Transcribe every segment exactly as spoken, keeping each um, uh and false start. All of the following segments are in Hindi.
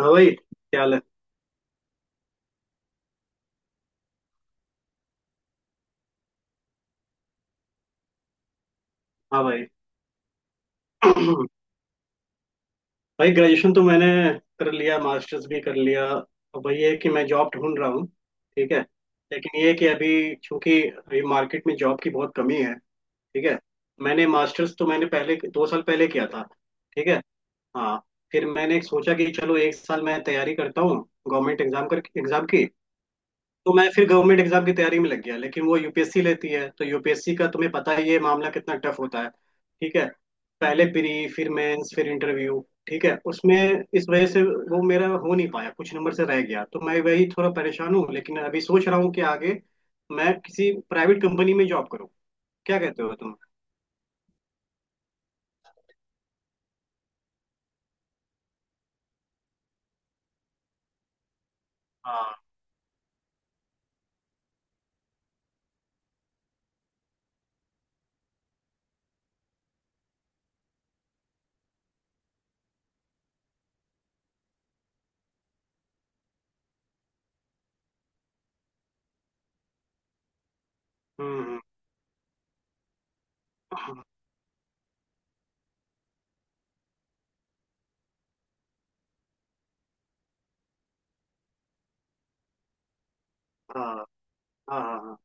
हाँ भाई, क्या हाल है। हाँ भाई। भाई, ग्रेजुएशन तो मैंने कर लिया, मास्टर्स भी कर लिया। अब भाई ये है कि मैं जॉब ढूंढ रहा हूँ। ठीक है। लेकिन ये है कि अभी, चूंकि अभी मार्केट में जॉब की बहुत कमी है। ठीक है। मैंने मास्टर्स तो मैंने पहले दो साल पहले किया था। ठीक है। हाँ। फिर मैंने सोचा कि चलो एक साल मैं तैयारी करता हूँ, गवर्नमेंट एग्जाम कर एग्जाम की। तो मैं फिर गवर्नमेंट एग्जाम की तैयारी में लग गया, लेकिन वो यूपीएससी लेती है। तो यूपीएससी का तुम्हें पता ही है मामला कितना टफ होता है। ठीक है। पहले प्री, फिर मेंस, फिर इंटरव्यू। ठीक है। उसमें, इस वजह से वो मेरा हो नहीं पाया, कुछ नंबर से रह गया। तो मैं वही थोड़ा परेशान हूँ, लेकिन अभी सोच रहा हूँ कि आगे मैं किसी प्राइवेट कंपनी में जॉब करूँ। क्या कहते हो तुम? हाँ। हम्म। हाँ, हाँ। हाँ, हाँ। हाँ।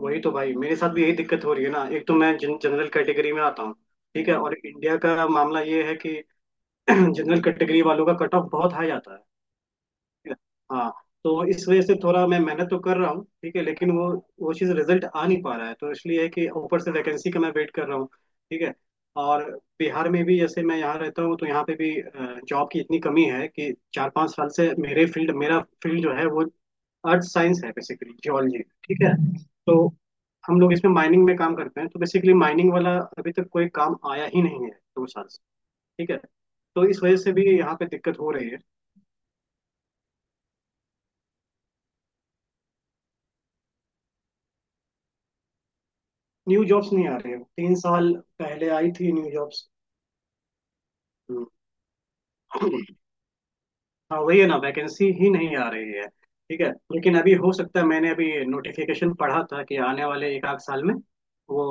वही तो भाई, मेरे साथ भी यही दिक्कत हो रही है ना। एक तो मैं जन, जनरल कैटेगरी में आता हूँ। ठीक है। और इंडिया का मामला ये है कि जनरल कैटेगरी वालों का कट ऑफ बहुत हाई आता है। हाँ। तो इस वजह से थोड़ा मैं मेहनत तो कर रहा हूँ, ठीक है, लेकिन वो वो चीज़, रिजल्ट आ नहीं पा रहा है। तो इसलिए है कि ऊपर से वैकेंसी का मैं वेट कर रहा हूँ। ठीक है। और बिहार में भी, जैसे मैं यहाँ रहता हूँ, तो यहाँ पे भी जॉब की इतनी कमी है कि चार पांच साल से मेरे फील्ड मेरा फील्ड जो है वो अर्थ साइंस है, बेसिकली जियोलॉजी। ठीक है। तो हम लोग इसमें माइनिंग में काम करते हैं, तो बेसिकली माइनिंग वाला अभी तक कोई काम आया ही नहीं है, दो साल। ठीक है। तो इस वजह से भी यहाँ पे दिक्कत हो रही है। न्यू जॉब्स नहीं आ रही है, तीन साल पहले आई थी न्यू जॉब्स। हाँ, वही है ना, वैकेंसी ही नहीं आ रही है। ठीक है। लेकिन अभी हो सकता है, मैंने अभी नोटिफिकेशन पढ़ा था कि आने वाले एक आध साल में वो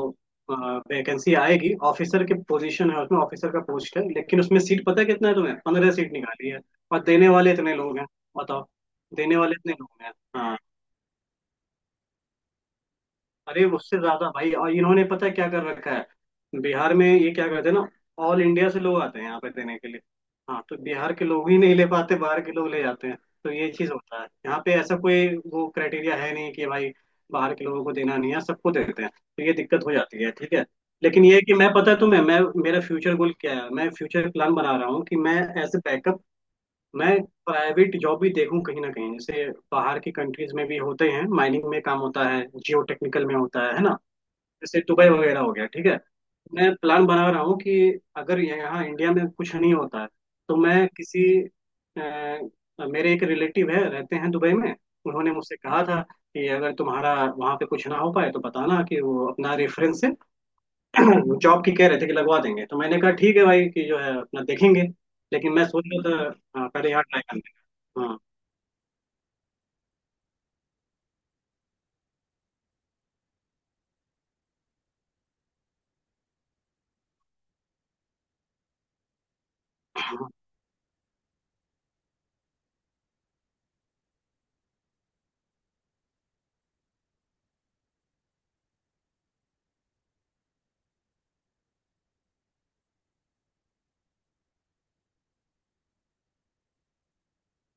वैकेंसी आएगी। ऑफिसर के पोजीशन है, उसमें ऑफिसर का पोस्ट है, लेकिन उसमें सीट पता है कितना है तुम्हें? पंद्रह सीट निकाली है, और देने वाले इतने लोग हैं। बताओ। देने वाले इतने लोग हैं, हाँ। अरे उससे ज्यादा भाई। और इन्होंने पता है क्या कर रखा है बिहार में, ये क्या करते हैं ना, ऑल इंडिया से लोग आते हैं यहाँ पे देने के लिए। हाँ। तो बिहार के लोग ही नहीं ले पाते, बाहर के लोग ले जाते हैं। तो ये चीज होता है यहाँ पे, ऐसा कोई वो क्राइटेरिया है नहीं कि भाई बाहर के लोगों को देना नहीं है, सबको देते हैं। तो ये दिक्कत हो जाती है। ठीक है। लेकिन ये है कि मैं, पता है तुम्हें, मैं मेरा फ्यूचर गोल क्या है, मैं फ्यूचर प्लान बना रहा हूँ कि मैं, एज ए बैकअप, मैं प्राइवेट जॉब भी देखूं कहीं ना कहीं। जैसे बाहर की कंट्रीज में भी होते हैं, माइनिंग में काम होता है, जियो टेक्निकल में होता है है ना। जैसे दुबई वगैरह हो गया। ठीक है। मैं प्लान बना रहा हूँ कि अगर यहाँ इंडिया में कुछ नहीं होता है तो मैं किसी, अ, मेरे एक रिलेटिव है, रहते हैं दुबई में। उन्होंने मुझसे कहा था कि अगर तुम्हारा वहाँ पे कुछ ना हो पाए तो बताना, कि वो अपना रेफरेंस से जॉब की कह रहे थे कि लगवा देंगे। तो मैंने कहा ठीक है भाई, कि जो है अपना देखेंगे। लेकिन मैं सोच रहा था, हाँ, पहले यहाँ ट्राई करना।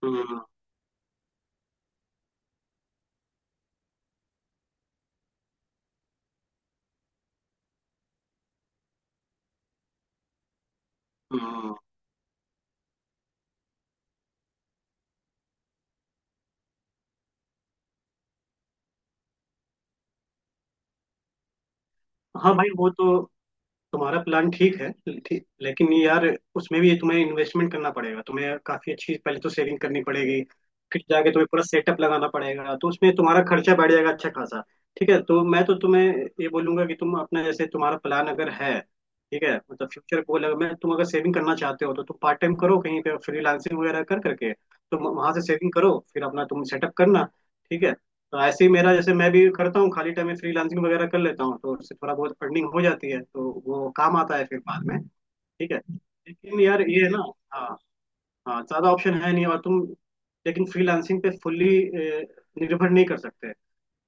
हम्म। हम्म। हाँ भाई, वो तो तुम्हारा प्लान ठीक है, ठीक। लेकिन यार, उसमें भी तुम्हें इन्वेस्टमेंट करना पड़ेगा, तुम्हें काफी अच्छी पहले तो सेविंग करनी पड़ेगी, फिर जाके तुम्हें पूरा सेटअप लगाना पड़ेगा। तो उसमें तुम्हारा खर्चा बढ़ जाएगा अच्छा खासा। ठीक है। तो मैं तो तुम्हें ये बोलूंगा कि तुम अपना, जैसे तुम्हारा प्लान अगर है, ठीक है, मतलब फ्यूचर गोल, अगर मैं तुम अगर सेविंग करना चाहते हो तो तुम पार्ट टाइम करो कहीं पे, फ्रीलांसिंग वगैरह कर करके तुम वहां से सेविंग करो, फिर अपना तुम सेटअप करना। ठीक है। तो ऐसे ही मेरा, जैसे मैं भी करता हूँ, खाली टाइम में फ्रीलांसिंग वगैरह कर लेता हूँ, तो उससे थोड़ा बहुत अर्निंग हो जाती है, तो वो काम आता है फिर बाद में। ठीक है। लेकिन यार ये है ना। हाँ। हाँ, ज्यादा ऑप्शन है नहीं, और तुम, लेकिन फ्रीलांसिंग पे फुल्ली निर्भर नहीं कर सकते,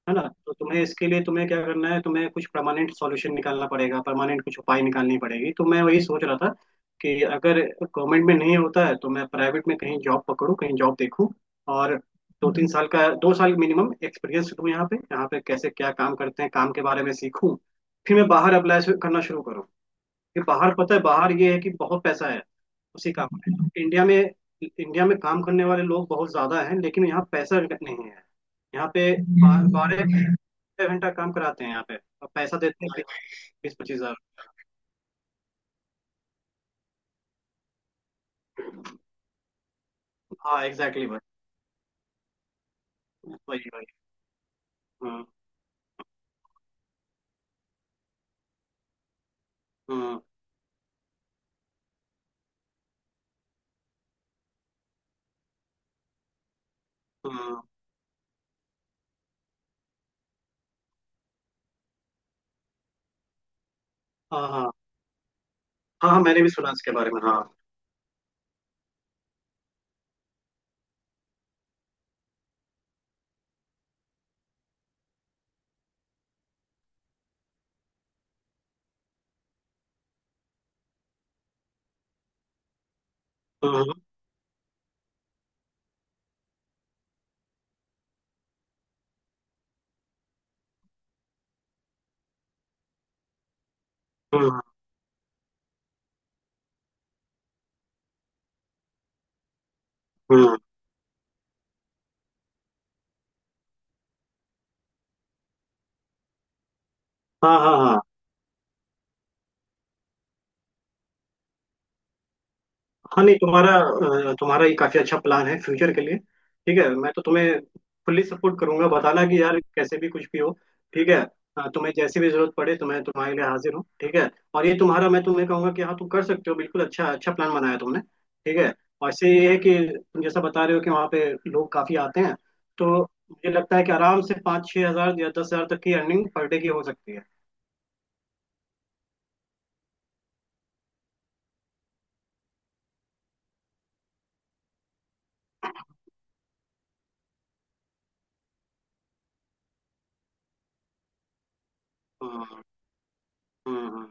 है ना। तो तुम्हें इसके लिए तुम्हें क्या करना है, तुम्हें कुछ परमानेंट सॉल्यूशन निकालना पड़ेगा, परमानेंट कुछ उपाय निकालनी पड़ेगी। तो मैं वही सोच रहा था कि अगर गवर्नमेंट में नहीं होता है तो मैं प्राइवेट में कहीं जॉब पकड़ूँ, कहीं जॉब देखूँ। और दो तीन साल का, दो साल मिनिमम एक्सपीरियंस लूँ, यहाँ पे यहाँ पे कैसे क्या काम करते हैं, काम के बारे में सीखूँ। फिर मैं बाहर अप्लाई करना शुरू करूँ, कि बाहर पता है, बाहर ये है कि बहुत पैसा है उसी काम में। इंडिया में इंडिया में काम करने वाले लोग बहुत ज्यादा हैं लेकिन यहाँ पैसा नहीं है। यहाँ पे बा- बारह बारह घंटा काम कराते हैं यहाँ पे, और पैसा देते हैं बीस पच्चीस हजार। हाँ एग्जैक्टली भाई। वही भाई। हम्म। हम्म। हम्म, हाँ, हाँ, हाँ। हाँ, मैंने भी सुना इसके बारे में, हाँ। हम्म। हम्म। हम्म, हाँ, हाँ, हाँ। हाँ नहीं, तुम्हारा अ, तुम्हारा ये काफी अच्छा प्लान है फ्यूचर के लिए। ठीक है। मैं तो तुम्हें फुल्ली सपोर्ट करूंगा, बताना कि यार कैसे भी कुछ भी हो। ठीक है। अ, तुम्हें जैसी भी जरूरत पड़े तो मैं तुम्हारे लिए हाजिर हूँ। ठीक है। और ये तुम्हारा, मैं तुम्हें कहूंगा कि हाँ तुम कर सकते हो बिल्कुल, अच्छा अच्छा प्लान बनाया तुमने। ठीक है। और इससे ये है कि तुम जैसा बता रहे हो कि वहाँ पे लोग काफी आते हैं, तो मुझे लगता है कि आराम से पाँच छः हजार या दस हजार तक की अर्निंग पर डे की हो सकती है। हाँ, हाँ, हाँ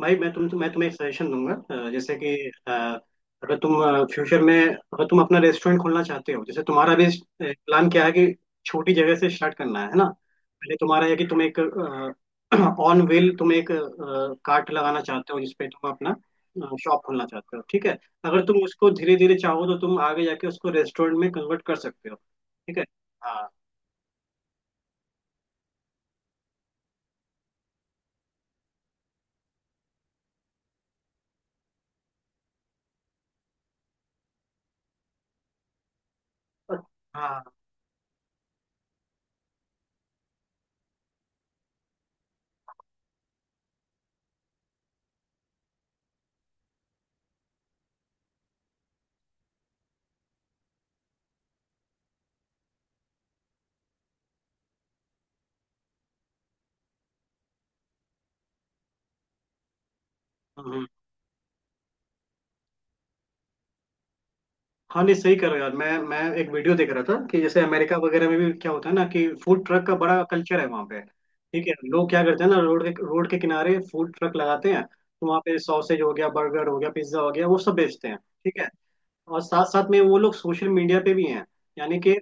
भाई, मैं तुम मैं तुम्हें एक सजेशन दूंगा। अ, जैसे कि, अ, अगर तुम फ्यूचर में अगर तुम अपना रेस्टोरेंट खोलना चाहते हो, जैसे तुम्हारा भी प्लान क्या है कि छोटी जगह से स्टार्ट करना है है ना। पहले तुम्हारा है कि तुम एक ऑन व्हील तुम एक कार्ट लगाना चाहते हो जिसपे तुम अपना शॉप खोलना चाहते हो। ठीक है। अगर तुम उसको धीरे धीरे चाहो तो तुम आगे जाके उसको रेस्टोरेंट में कन्वर्ट कर सकते हो। ठीक है। हाँ, हाँ। हाँ, हाँ। हाँ नहीं सही कर रहे हो यार, मैं मैं एक वीडियो देख रहा था कि जैसे अमेरिका वगैरह में भी क्या होता है ना, कि फूड ट्रक का बड़ा कल्चर है वहाँ पे। ठीक है। लोग क्या करते हैं ना, रोड के रोड के किनारे फूड ट्रक लगाते हैं, तो वहाँ पे सॉसेज हो गया, बर्गर हो गया, पिज्जा हो गया, वो सब बेचते हैं। ठीक है। और साथ साथ में वो लोग सोशल मीडिया पे भी हैं, यानी कि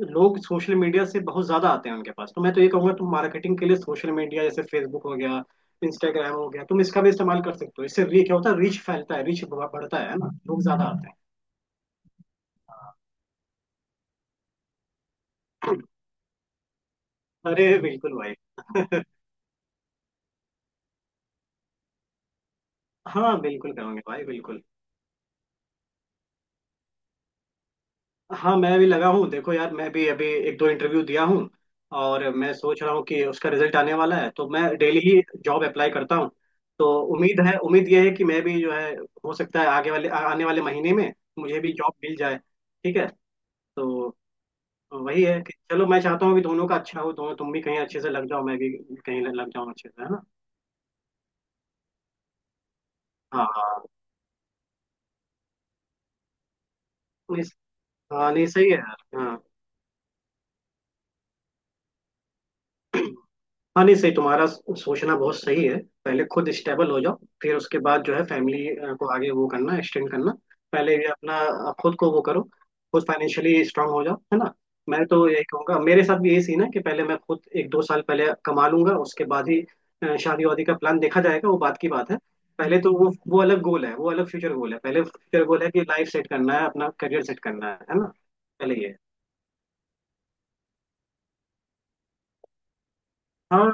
लोग सोशल मीडिया से बहुत ज्यादा आते हैं उनके पास। तो मैं तो ये कहूंगा तुम मार्केटिंग के लिए सोशल मीडिया, जैसे फेसबुक हो गया, इंस्टाग्राम हो गया, तुम इसका भी इस्तेमाल कर सकते हो। इससे री- क्या होता है, रीच फैलता है, रीच बढ़ता है ना, लोग ज्यादा आते हैं। अरे बिल्कुल भाई हाँ बिल्कुल करूंगे भाई, बिल्कुल। हाँ, मैं भी लगा हूँ, देखो यार, मैं भी अभी एक दो इंटरव्यू दिया हूँ, और मैं सोच रहा हूँ कि उसका रिजल्ट आने वाला है, तो मैं डेली ही जॉब अप्लाई करता हूँ। तो उम्मीद है, उम्मीद यह है कि मैं भी जो है, हो सकता है आगे वाले आ- आने वाले महीने में मुझे भी जॉब मिल जाए। ठीक है। तो वही है कि चलो, मैं चाहता हूँ कि दोनों का अच्छा हो, दोनों, तुम भी कहीं अच्छे से लग जाओ, मैं भी कहीं लग जाऊँ अच्छे से, है ना। हाँ। हाँ नहीं स- हाँ नहीं सही है यार, हाँ। हाँ नहीं, सही, तुम्हारा सोचना बहुत सही है। पहले खुद स्टेबल हो जाओ, फिर उसके बाद जो है फैमिली को आगे वो करना, एक्सटेंड करना। पहले ये अपना, अ, खुद को वो करो, खुद फाइनेंशियली स्ट्रांग हो जाओ, है ना। मैं तो यही कहूँगा, मेरे साथ भी यही सीन है कि पहले मैं खुद एक दो साल पहले कमा लूंगा, उसके बाद ही अ, शादी वादी का प्लान देखा जाएगा, वो बात की बात है। पहले तो वो वो अलग गोल है, वो अलग फ्यूचर गोल है। पहले फ्यूचर गोल है कि लाइफ सेट करना है, अपना करियर सेट करना है है ना। पहले ये। हाँ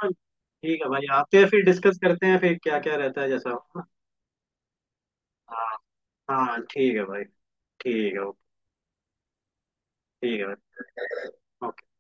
ठीक है भाई, आते हैं फिर डिस्कस करते हैं फिर क्या क्या रहता है जैसा हो, है ना? हाँ ठीक है भाई। ठीक है। ठीक है भाई। ओके।